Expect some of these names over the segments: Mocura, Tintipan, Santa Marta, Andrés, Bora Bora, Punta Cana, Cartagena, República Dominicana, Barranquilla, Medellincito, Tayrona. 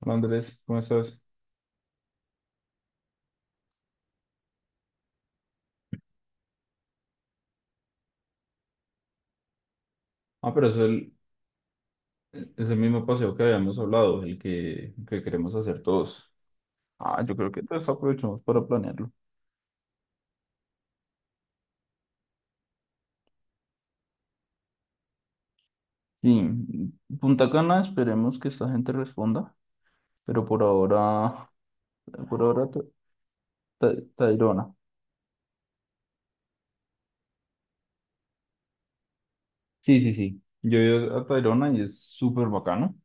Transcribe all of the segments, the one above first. Hola Andrés, ¿cómo estás? Ah, pero es el mismo paseo que habíamos hablado, el que queremos hacer todos. Ah, yo creo que entonces aprovechamos para planearlo. Sí, Punta Cana, esperemos que esta gente responda, pero por ahora Tayrona. Sí, sí, sí. Yo he ido a Tayrona y es súper bacano,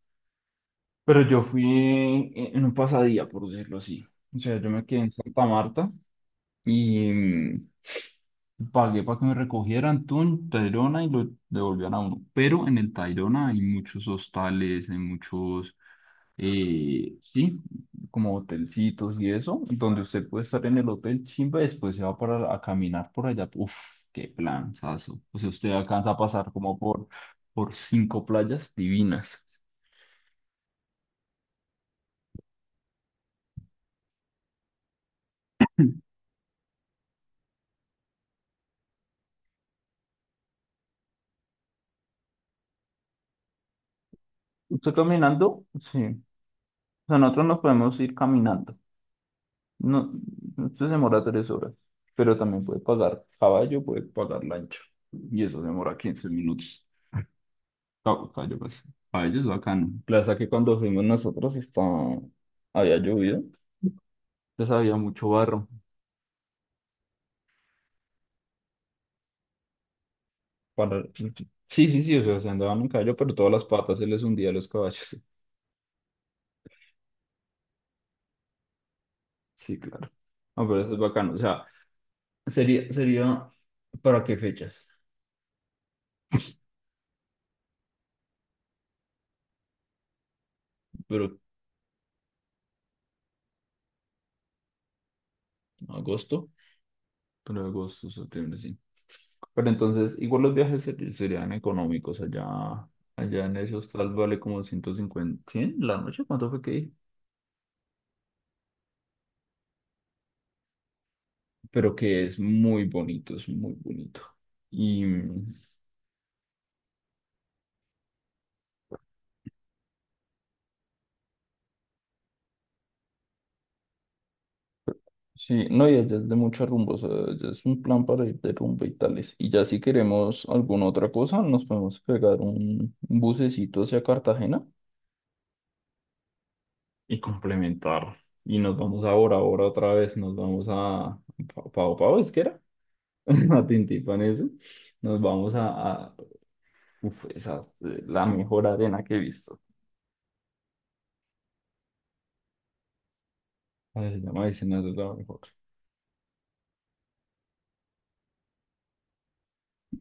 pero yo fui en un pasadía, por decirlo así. O sea, yo me quedé en Santa Marta y pagué para que me recogieran Tayrona y lo devolvían a uno. Pero en el Tayrona hay muchos hostales, sí, como hotelcitos y eso, donde usted puede estar en el hotel chimba y después se va a caminar por allá. Uf, qué planazo. O sea, usted alcanza a pasar como por cinco playas divinas. Usted caminando, sí. O sea, nosotros nos podemos ir caminando. No, esto se demora 3 horas, pero también puede pagar caballo, puede pagar lancha. Y eso demora 15 minutos. Caballo, pues. Caballo es bacano. Plaza que cuando fuimos nosotros estaba, había llovido, entonces había mucho barro. Para... Sí, sí, sí, o sea, se andaban en caballo, pero todas las patas se les hundía a los caballos. Sí, sí, claro. No, pero eso es bacano. O sea, sería, ¿para qué fechas? Pero agosto. Pero agosto, septiembre, sí. Pero entonces, igual los viajes serían económicos allá, allá en ese hostal vale como 150, ¿100 la noche? ¿Cuánto fue que dije? Pero que es muy bonito, es muy bonito. Y sí, no, y allá es de muchos rumbos, es un plan para ir de rumba y tales. Y ya si queremos alguna otra cosa, nos podemos pegar un bucecito hacia Cartagena y complementar. Y nos vamos ahora, ahora otra vez, nos vamos a Pau Pau, ¿es que era? A Tintín. Nos vamos a, uf, esa es la mejor arena que he visto. ¿Cómo se llama? Dicen: "No, es la mejor".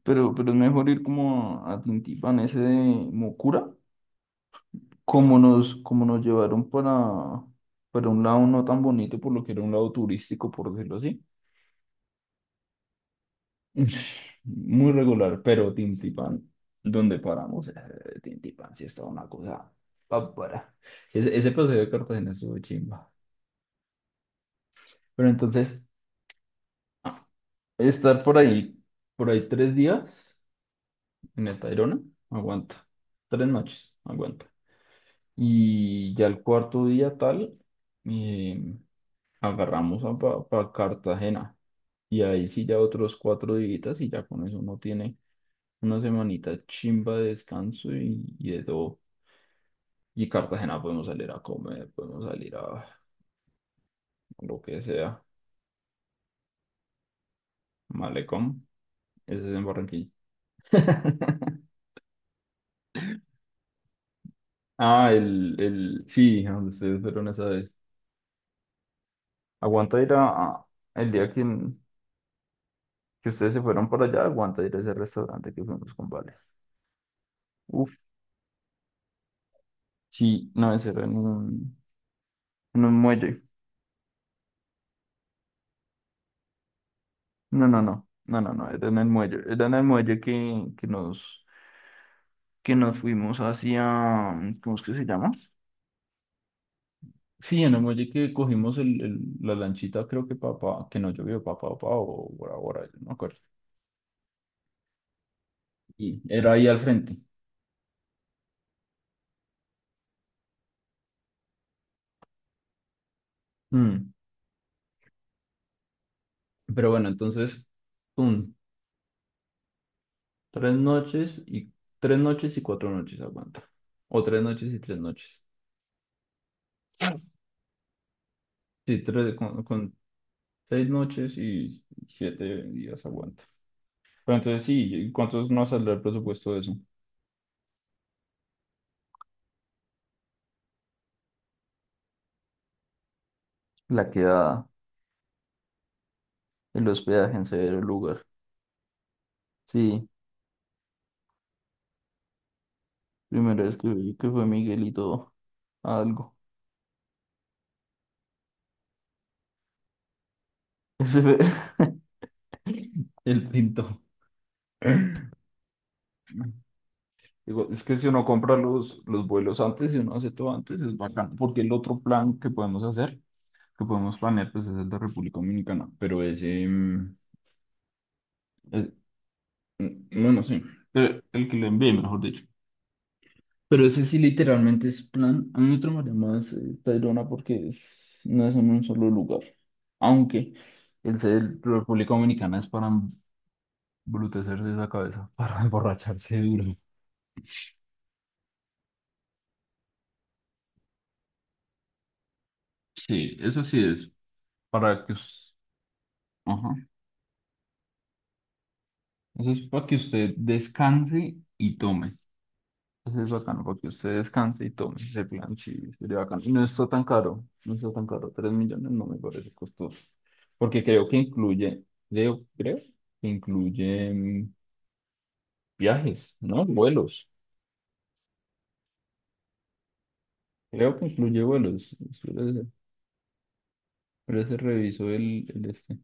Pero es mejor ir como a Tintipan, ese de Mocura, como como nos llevaron para un lado no tan bonito, por lo que era un lado turístico, por decirlo así. Muy regular, pero Tintipan, donde paramos, Tintipan sí estaba una cosa bárbara. Ese paseo de Cartagena estuvo chimba. Pero entonces, estar por ahí, 3 días en el Tayrona, aguanta. 3 noches, aguanta. Y ya el cuarto día tal, eh, agarramos para Cartagena. Y ahí sí ya otros 4 días y ya con eso uno tiene una semanita chimba de descanso y de todo. Y Cartagena podemos salir a comer, podemos salir a lo que sea. Malecón, ese es en Barranquilla. Ah, sí, a donde ustedes fueron esa vez. Aguanta ir el día que ustedes se fueron para allá, aguanta ir a ese restaurante que fuimos con Vale. Uf, sí, no, ese era en en un muelle. No, no, no, no, no, no, era en el muelle. Era en el muelle que nos fuimos hacia, ¿cómo es que se llama? Sí, en el muelle que cogimos la lanchita, creo que papá, que no llovió, papá, papá, o Bora Bora, yo no me acuerdo. Y era ahí al frente. Mm, Pero bueno, entonces, pum, 3 noches y 4 noches aguanta. O 3 noches y 3 noches. Sí, con 6 noches y 7 días aguanta. Pero entonces sí, ¿cuántos nos saldrá el presupuesto de eso? La quedada, el hospedaje en severo lugar. Sí, primera vez vi que fue Miguelito a algo. Ese fue el pinto. Digo, es que si uno compra los vuelos antes y uno hace todo antes, es bacán, porque el otro plan que podemos hacer que podemos planear, pues es el de República Dominicana, pero ese, eh, no, no sé, pero el que le envié, mejor dicho. Pero ese sí literalmente es plan, a mí me tramaría más Tayrona porque no es en un solo lugar, aunque el ser República Dominicana es para embrutecerse la cabeza, para emborracharse duro. Sí, eso sí es para que, ajá, eso es para que usted descanse y tome. Pues es bacano porque usted descanse y tome ese plan, sí, sería bacano. Y no está tan caro, no está tan caro, 3 millones no me parece costoso. Porque creo que incluye viajes, ¿no? Vuelos. Creo que incluye vuelos. Espérese, reviso el este.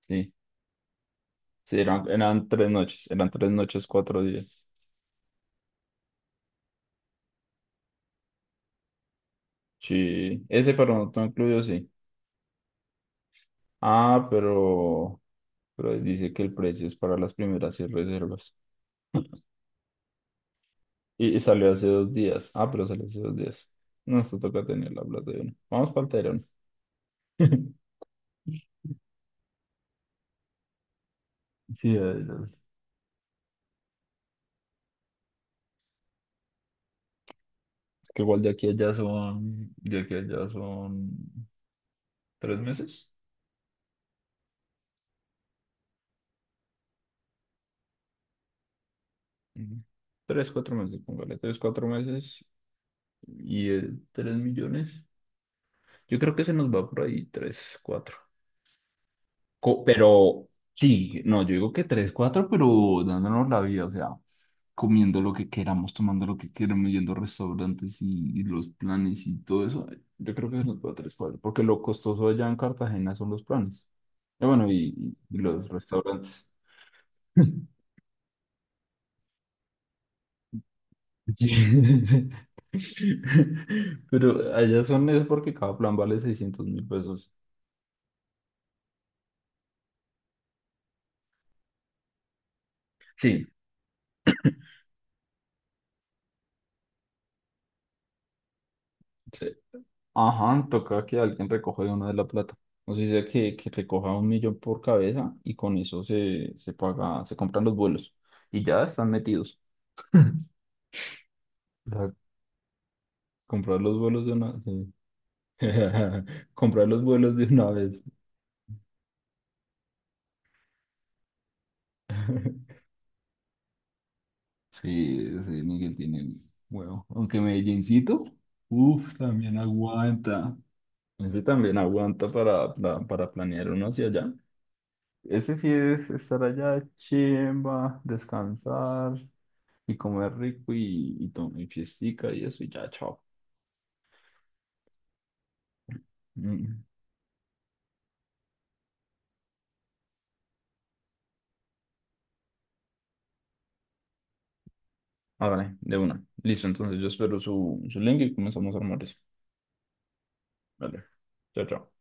Sí, sí, eran 3 noches, 4 días. Sí, ese para no está incluido, sí. Ah, pero dice que el precio es para las primeras seis reservas. Y salió hace 2 días. Ah, pero salió hace 2 días. No, esto toca tener la plata de uno. Vamos para el Tayrona. Sí, ay, Dios. Es que igual de aquí a allá son 3 meses. Ujú. Tres, cuatro meses, póngale, tres, cuatro meses y 3 millones. Yo creo que se nos va por ahí tres, cuatro. Pero sí, no, yo digo que tres, cuatro, pero dándonos la vida, o sea, comiendo lo que queramos, tomando lo que queramos, yendo a restaurantes y los planes y todo eso, yo creo que se nos va a tres cuadros, porque lo costoso allá en Cartagena son los planes. Y bueno, y los restaurantes. Sí. Pero allá son es porque cada plan vale 600.000 pesos. Sí. Sí. Ajá, toca que alguien recoja de una de la plata. O sea, sea que recoja 1 millón por cabeza y con eso se paga, se compran los vuelos y ya están metidos. La Comprar los vuelos de una. Sí. Comprar los vuelos de una vez. Sí, sí, Miguel tiene huevo. Aunque Medellincito, uff, también aguanta. Ese también aguanta para planear uno hacia allá. Ese sí es estar allá, chimba, descansar y comer rico y tomar y fiestica y eso y ya, chao. Mm. Ah, vale, de una. Listo, entonces yo espero su link y comenzamos a armar eso. Vale, chao, chao.